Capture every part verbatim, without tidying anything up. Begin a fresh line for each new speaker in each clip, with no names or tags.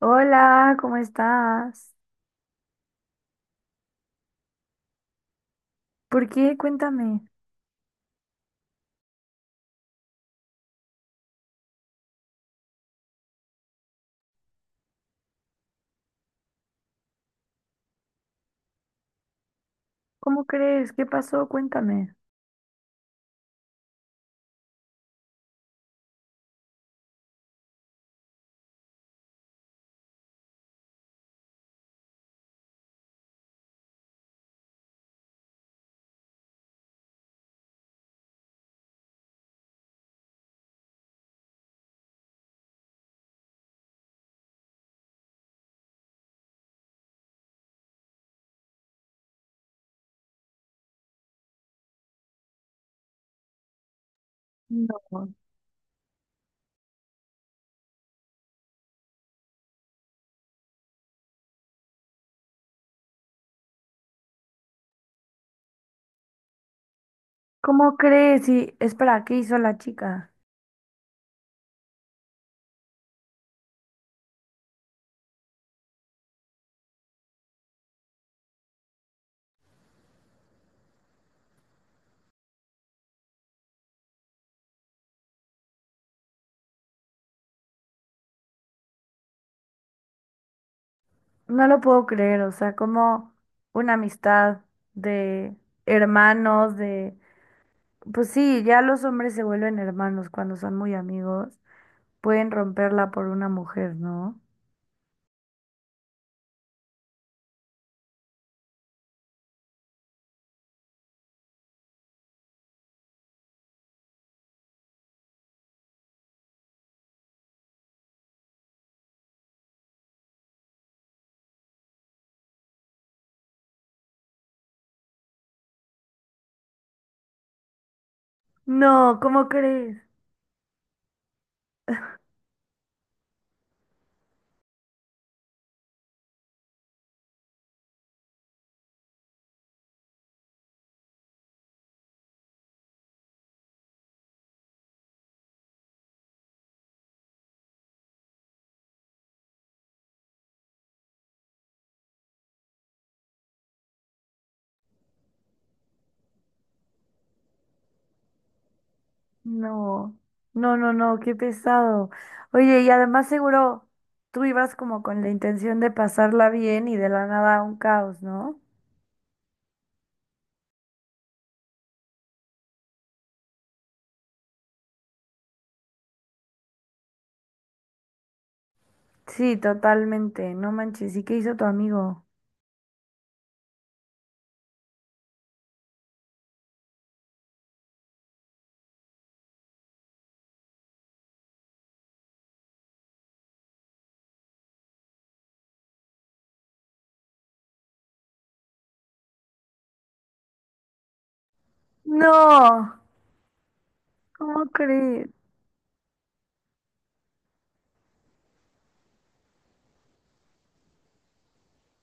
Hola, ¿cómo estás? ¿Por qué? Cuéntame. ¿Cómo crees? ¿Qué pasó? Cuéntame. No. ¿Cómo crees? Y espera, ¿qué hizo la chica? No lo puedo creer, o sea, como una amistad de hermanos, de... Pues sí, ya los hombres se vuelven hermanos cuando son muy amigos. Pueden romperla por una mujer, ¿no? No, ¿cómo crees? No, no, no, no, qué pesado. Oye, y además seguro tú ibas como con la intención de pasarla bien y de la nada un caos, ¿no? Sí, totalmente. No manches, ¿y qué hizo tu amigo? No, ¿cómo crees?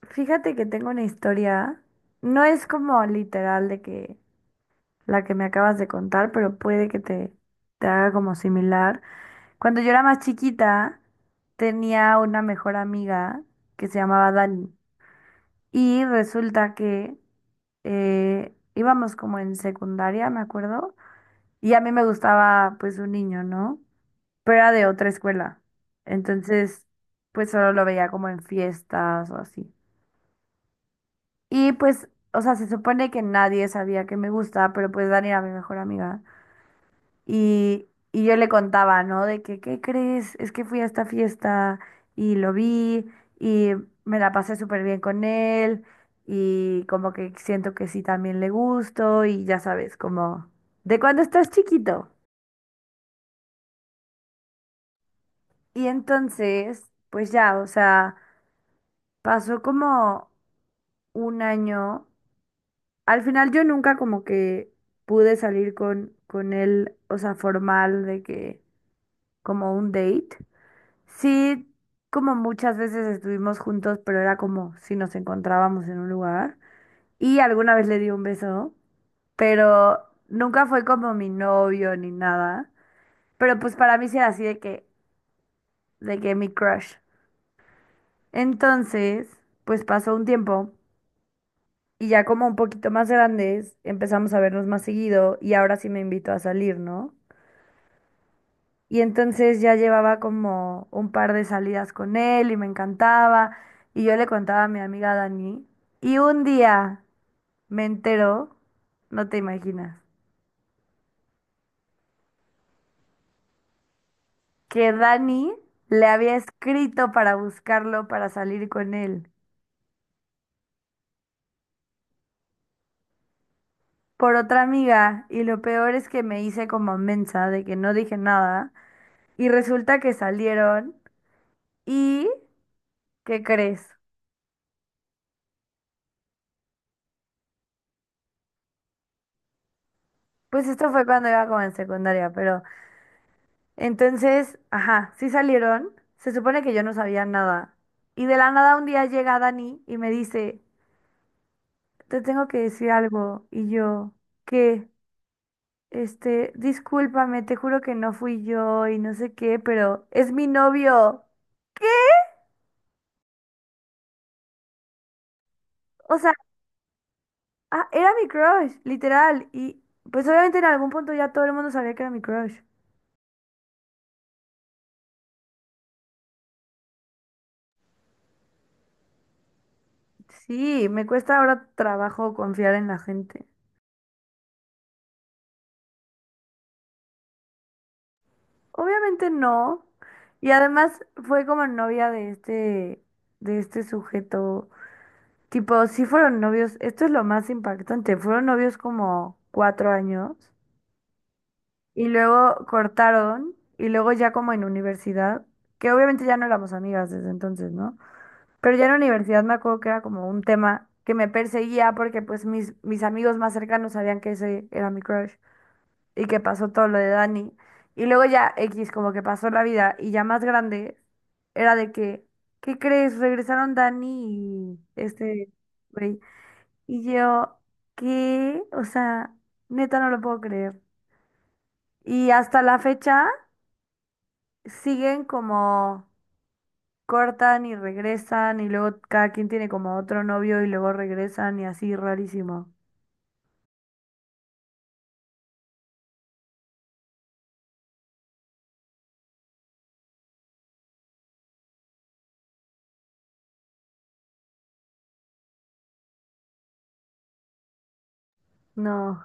Fíjate que tengo una historia. No es como literal de que la que me acabas de contar, pero puede que te, te haga como similar. Cuando yo era más chiquita, tenía una mejor amiga que se llamaba Dani. Y resulta que eh, íbamos como en secundaria, me acuerdo, y a mí me gustaba pues un niño, ¿no? Pero era de otra escuela. Entonces, pues solo lo veía como en fiestas o así. Y pues, o sea, se supone que nadie sabía que me gusta, pero pues Dani era mi mejor amiga. Y, y yo le contaba, ¿no? De que, ¿qué crees? Es que fui a esta fiesta y lo vi y me la pasé súper bien con él y como que siento que sí también le gusto y ya sabes, como de cuando estás chiquito. Y entonces, pues ya, o sea, pasó como un año. Al final yo nunca como que pude salir con, con él, o sea, formal de que como un date. Sí, como muchas veces estuvimos juntos, pero era como si nos encontrábamos en un lugar. Y alguna vez le di un beso, pero nunca fue como mi novio ni nada. Pero pues para mí sí era así de que, de que mi crush. Entonces, pues pasó un tiempo y ya como un poquito más grandes empezamos a vernos más seguido y ahora sí me invitó a salir, ¿no? Y entonces ya llevaba como un par de salidas con él y me encantaba. Y yo le contaba a mi amiga Dani. Y un día me enteró, no te imaginas, que Dani le había escrito para buscarlo para salir con él por otra amiga. Y lo peor es que me hice como mensa de que no dije nada. Y resulta que salieron. ¿Y qué crees? Pues esto fue cuando iba como en secundaria, pero... Entonces, ajá, sí salieron. Se supone que yo no sabía nada. Y de la nada un día llega Dani y me dice, te tengo que decir algo. Y yo, ¿qué? Este, discúlpame, te juro que no fui yo y no sé qué, pero es mi novio. O sea, ah, era mi crush, literal. Y pues obviamente en algún punto ya todo el mundo sabía que era mi crush. Sí, me cuesta ahora trabajo confiar en la gente. Obviamente no. Y además fue como novia de este, de este sujeto. Tipo, sí fueron novios, esto es lo más impactante, fueron novios como cuatro años y luego cortaron y luego ya como en universidad, que obviamente ya no éramos amigas desde entonces, ¿no? Pero ya en universidad me acuerdo que era como un tema que me perseguía porque pues mis, mis amigos más cercanos sabían que ese era mi crush y que pasó todo lo de Dani. Y luego ya X, como que pasó la vida y ya más grande, era de que, ¿qué crees? Regresaron Dani y este güey. Y yo, ¿qué? O sea, neta no lo puedo creer. Y hasta la fecha siguen como cortan y regresan y luego cada quien tiene como otro novio y luego regresan y así rarísimo. No,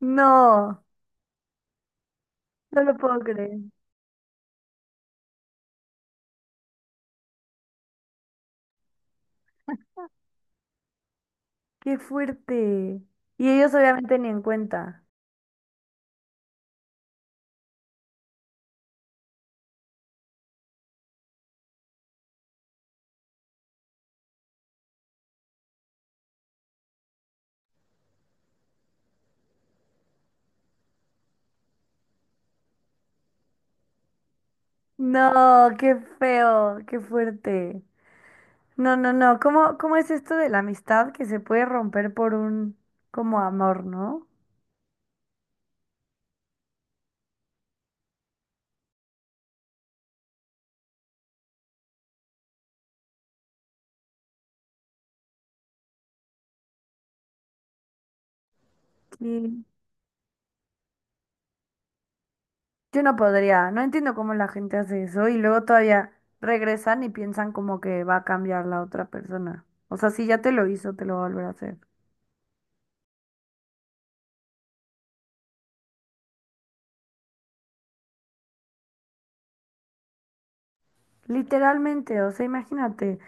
no, no lo puedo creer. Qué fuerte. Y ellos obviamente ni en cuenta. No, qué feo, qué fuerte. No, no, no. ¿Cómo, cómo es esto de la amistad que se puede romper por un como amor, ¿no? Sí. Yo no podría. No entiendo cómo la gente hace eso y luego todavía regresan y piensan como que va a cambiar la otra persona. O sea, si ya te lo hizo, te lo va a volver a hacer. Literalmente, o sea, imagínate,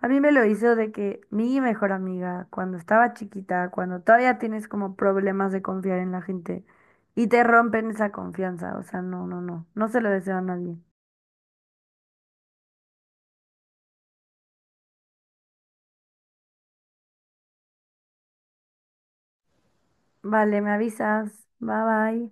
a mí me lo hizo de que mi mejor amiga, cuando estaba chiquita, cuando todavía tienes como problemas de confiar en la gente y te rompen esa confianza, o sea, no, no, no, no se lo deseo a nadie. Vale, me avisas, bye bye.